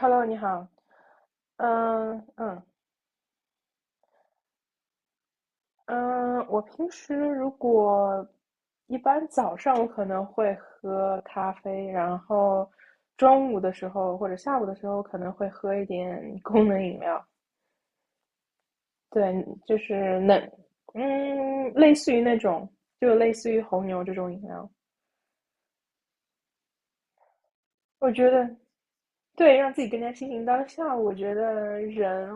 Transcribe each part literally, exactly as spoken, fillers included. Hello，你好。嗯嗯嗯，我平时如果一般早上我可能会喝咖啡，然后中午的时候或者下午的时候可能会喝一点功能饮料。对，就是那嗯，类似于那种，就类似于红牛这种饮料。我觉得对，让自己更加清醒当下，我觉得人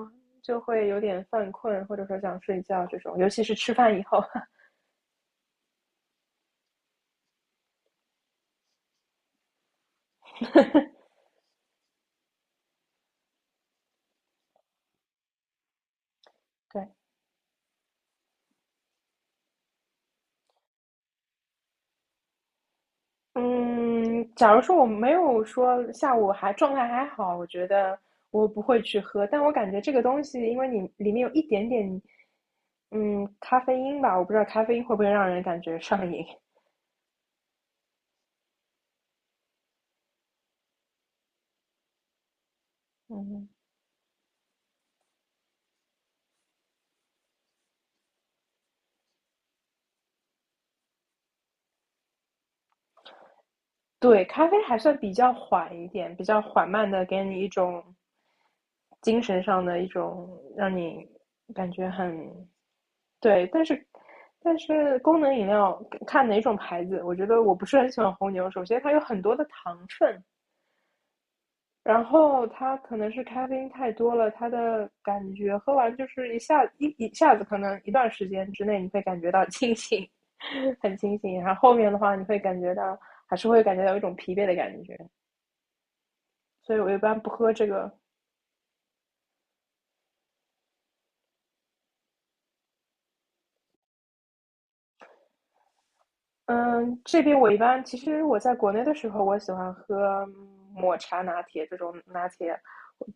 就会有点犯困，或者说想睡觉这种，尤其是吃饭以后。对，嗯，假如说我没有说下午还状态还好，我觉得我不会去喝。但我感觉这个东西，因为你里面有一点点，嗯，咖啡因吧，我不知道咖啡因会不会让人感觉上瘾。嗯。对，咖啡还算比较缓一点，比较缓慢的，给你一种精神上的一种，让你感觉很，对，但是但是功能饮料看哪种牌子，我觉得我不是很喜欢红牛。首先，它有很多的糖分，然后它可能是咖啡因太多了，它的感觉喝完就是一下一一下子，可能一段时间之内你会感觉到清醒，很清醒，然后后面的话你会感觉到还是会感觉到一种疲惫的感觉。所以我一般不喝这个。嗯，这边我一般其实我在国内的时候，我喜欢喝抹茶拿铁这种拿铁，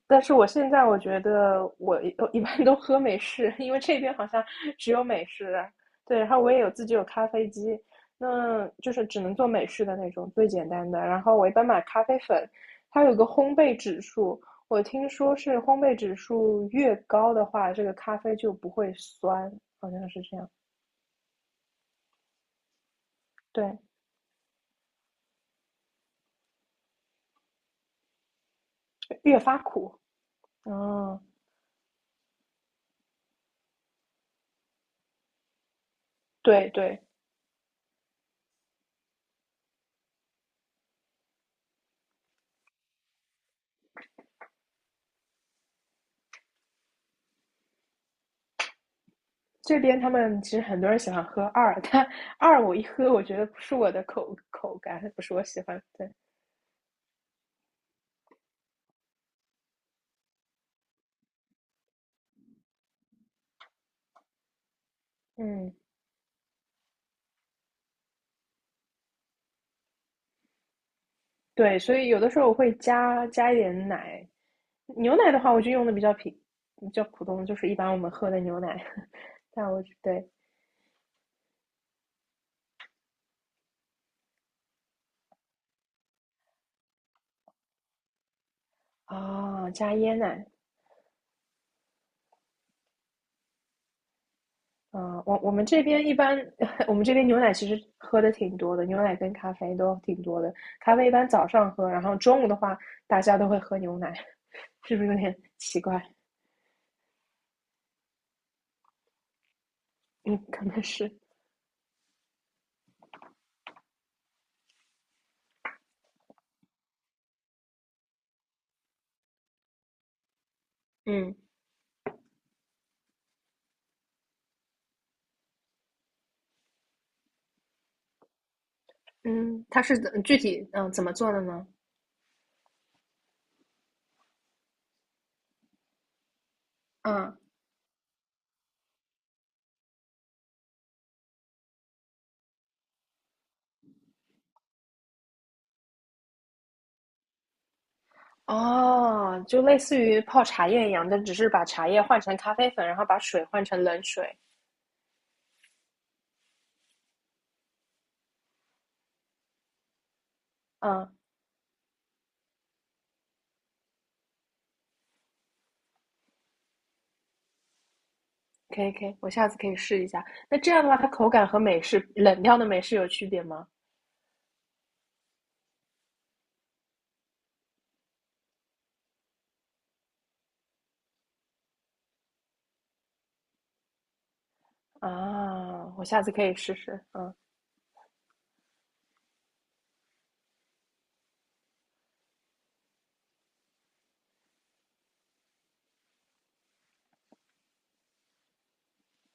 但是我现在我觉得我一一般都喝美式，因为这边好像只有美式。对，然后我也有自己有咖啡机，那就是只能做美式的那种最简单的。然后我一般买咖啡粉，它有个烘焙指数。我听说是烘焙指数越高的话，这个咖啡就不会酸，好像是这样。对，越发苦。嗯，对对，这边他们其实很多人喜欢喝二，但二我一喝，我觉得不是我的口口感，不是我喜欢。对嗯对，所以有的时候我会加加一点奶。牛奶的话，我就用的比较平，比较普通，就是一般我们喝的牛奶。但我对啊，加椰奶。嗯，我我们这边一般，我们这边牛奶其实喝的挺多的，牛奶跟咖啡都挺多的。咖啡一般早上喝，然后中午的话，大家都会喝牛奶。是不是有点奇怪？嗯，可能是，嗯嗯，它是怎具体嗯、呃怎么做的呢？嗯哦，就类似于泡茶叶一样，但只是把茶叶换成咖啡粉，然后把水换成冷水。嗯，可以可以，我下次可以试一下。那这样的话，它口感和美式冷掉的美式有区别吗？啊，我下次可以试试。嗯，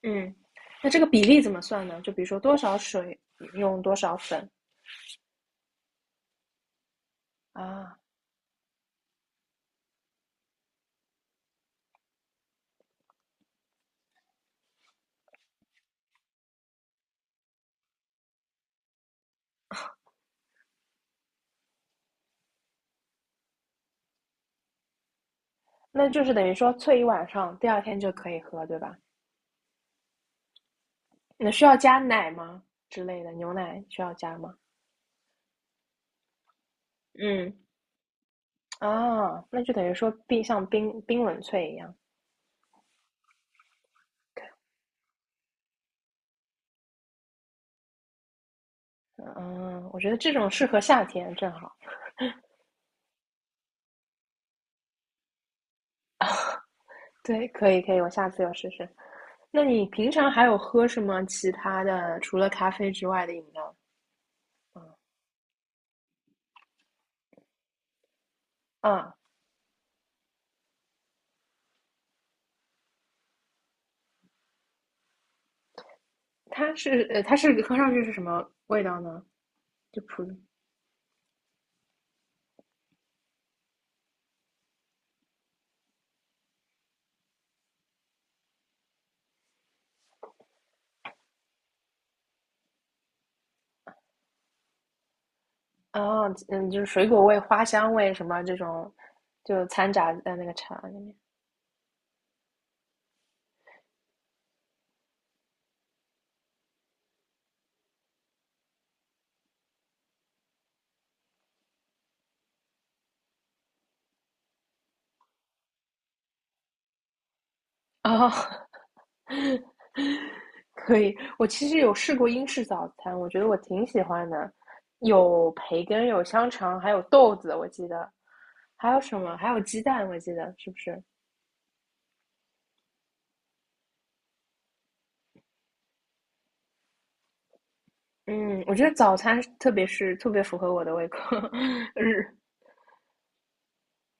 嗯那这个比例怎么算呢？就比如说多少水用多少粉啊？那就是等于说萃一晚上，第二天就可以喝，对吧？那需要加奶吗？之类的，牛奶需要加吗？嗯，啊，那就等于说冰像冰冰冷萃一样。嗯，我觉得这种适合夏天，正好。对，可以可以，我下次要试试。那你平常还有喝什么其他的，除了咖啡之外的饮料？啊，它是呃，它是喝上去是什么味道呢？就普啊，嗯，就是水果味、花香味什么这种，就掺杂在那个茶里面。哦，可以，我其实有试过英式早餐，我觉得我挺喜欢的，有培根，有香肠，还有豆子，我记得，还有什么？还有鸡蛋，我记得是不是？嗯，我觉得早餐特别是特别符合我的胃口，日，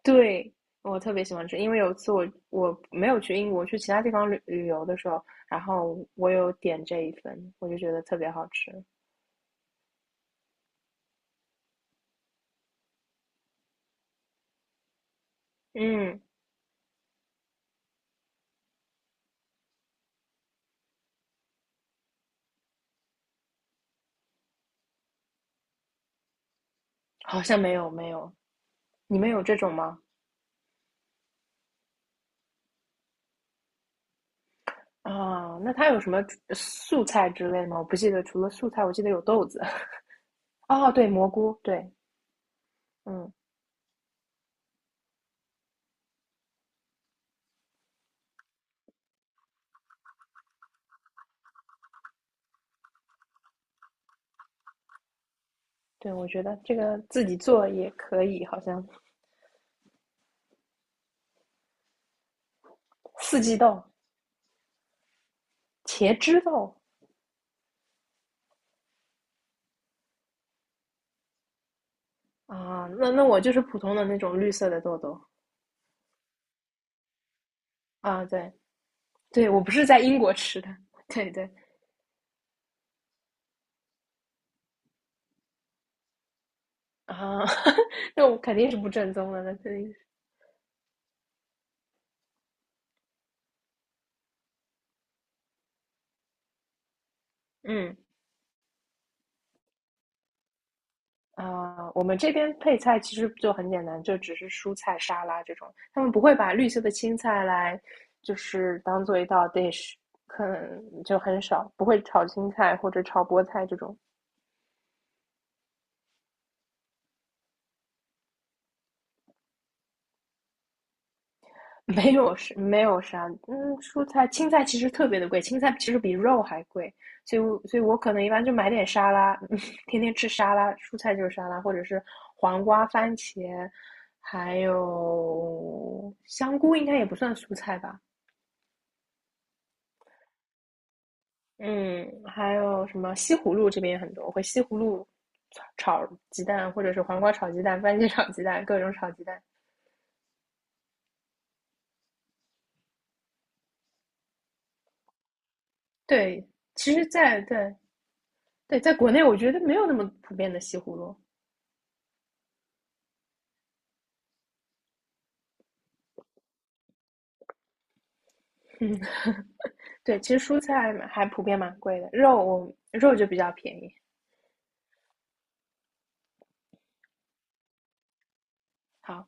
对，我特别喜欢吃，因为有一次我我没有去英国，去其他地方旅旅游的时候，然后我有点这一份，我就觉得特别好吃。嗯，好像没有没有，你们有这种吗？啊，那它有什么素菜之类吗？我不记得，除了素菜，我记得有豆子。哦，对，蘑菇，对，嗯，对，我觉得这个自己做也可以，好像四季豆、茄汁豆啊，那那我就是普通的那种绿色的豆豆啊，对对，我不是在英国吃的，对对啊，那我肯定是不正宗的，那肯定是，嗯啊、我们这边配菜其实就很简单，就只是蔬菜沙拉这种，他们不会把绿色的青菜来，就是当做一道 dish，可能就很少，不会炒青菜或者炒菠菜这种，没有是没有啥，嗯，蔬菜青菜其实特别的贵，青菜其实比肉还贵，所以所以我可能一般就买点沙拉，天天吃沙拉，蔬菜就是沙拉，或者是黄瓜、番茄，还有香菇，应该也不算蔬菜吧。嗯，还有什么西葫芦这边也很多，我会西葫芦炒炒鸡蛋，或者是黄瓜炒鸡蛋、番茄炒鸡蛋，各种炒鸡蛋。对，其实在，在对在国内，我觉得没有那么普遍的西葫芦。嗯，对，其实蔬菜嘛还普遍蛮贵的，肉我肉就比较便宜。好，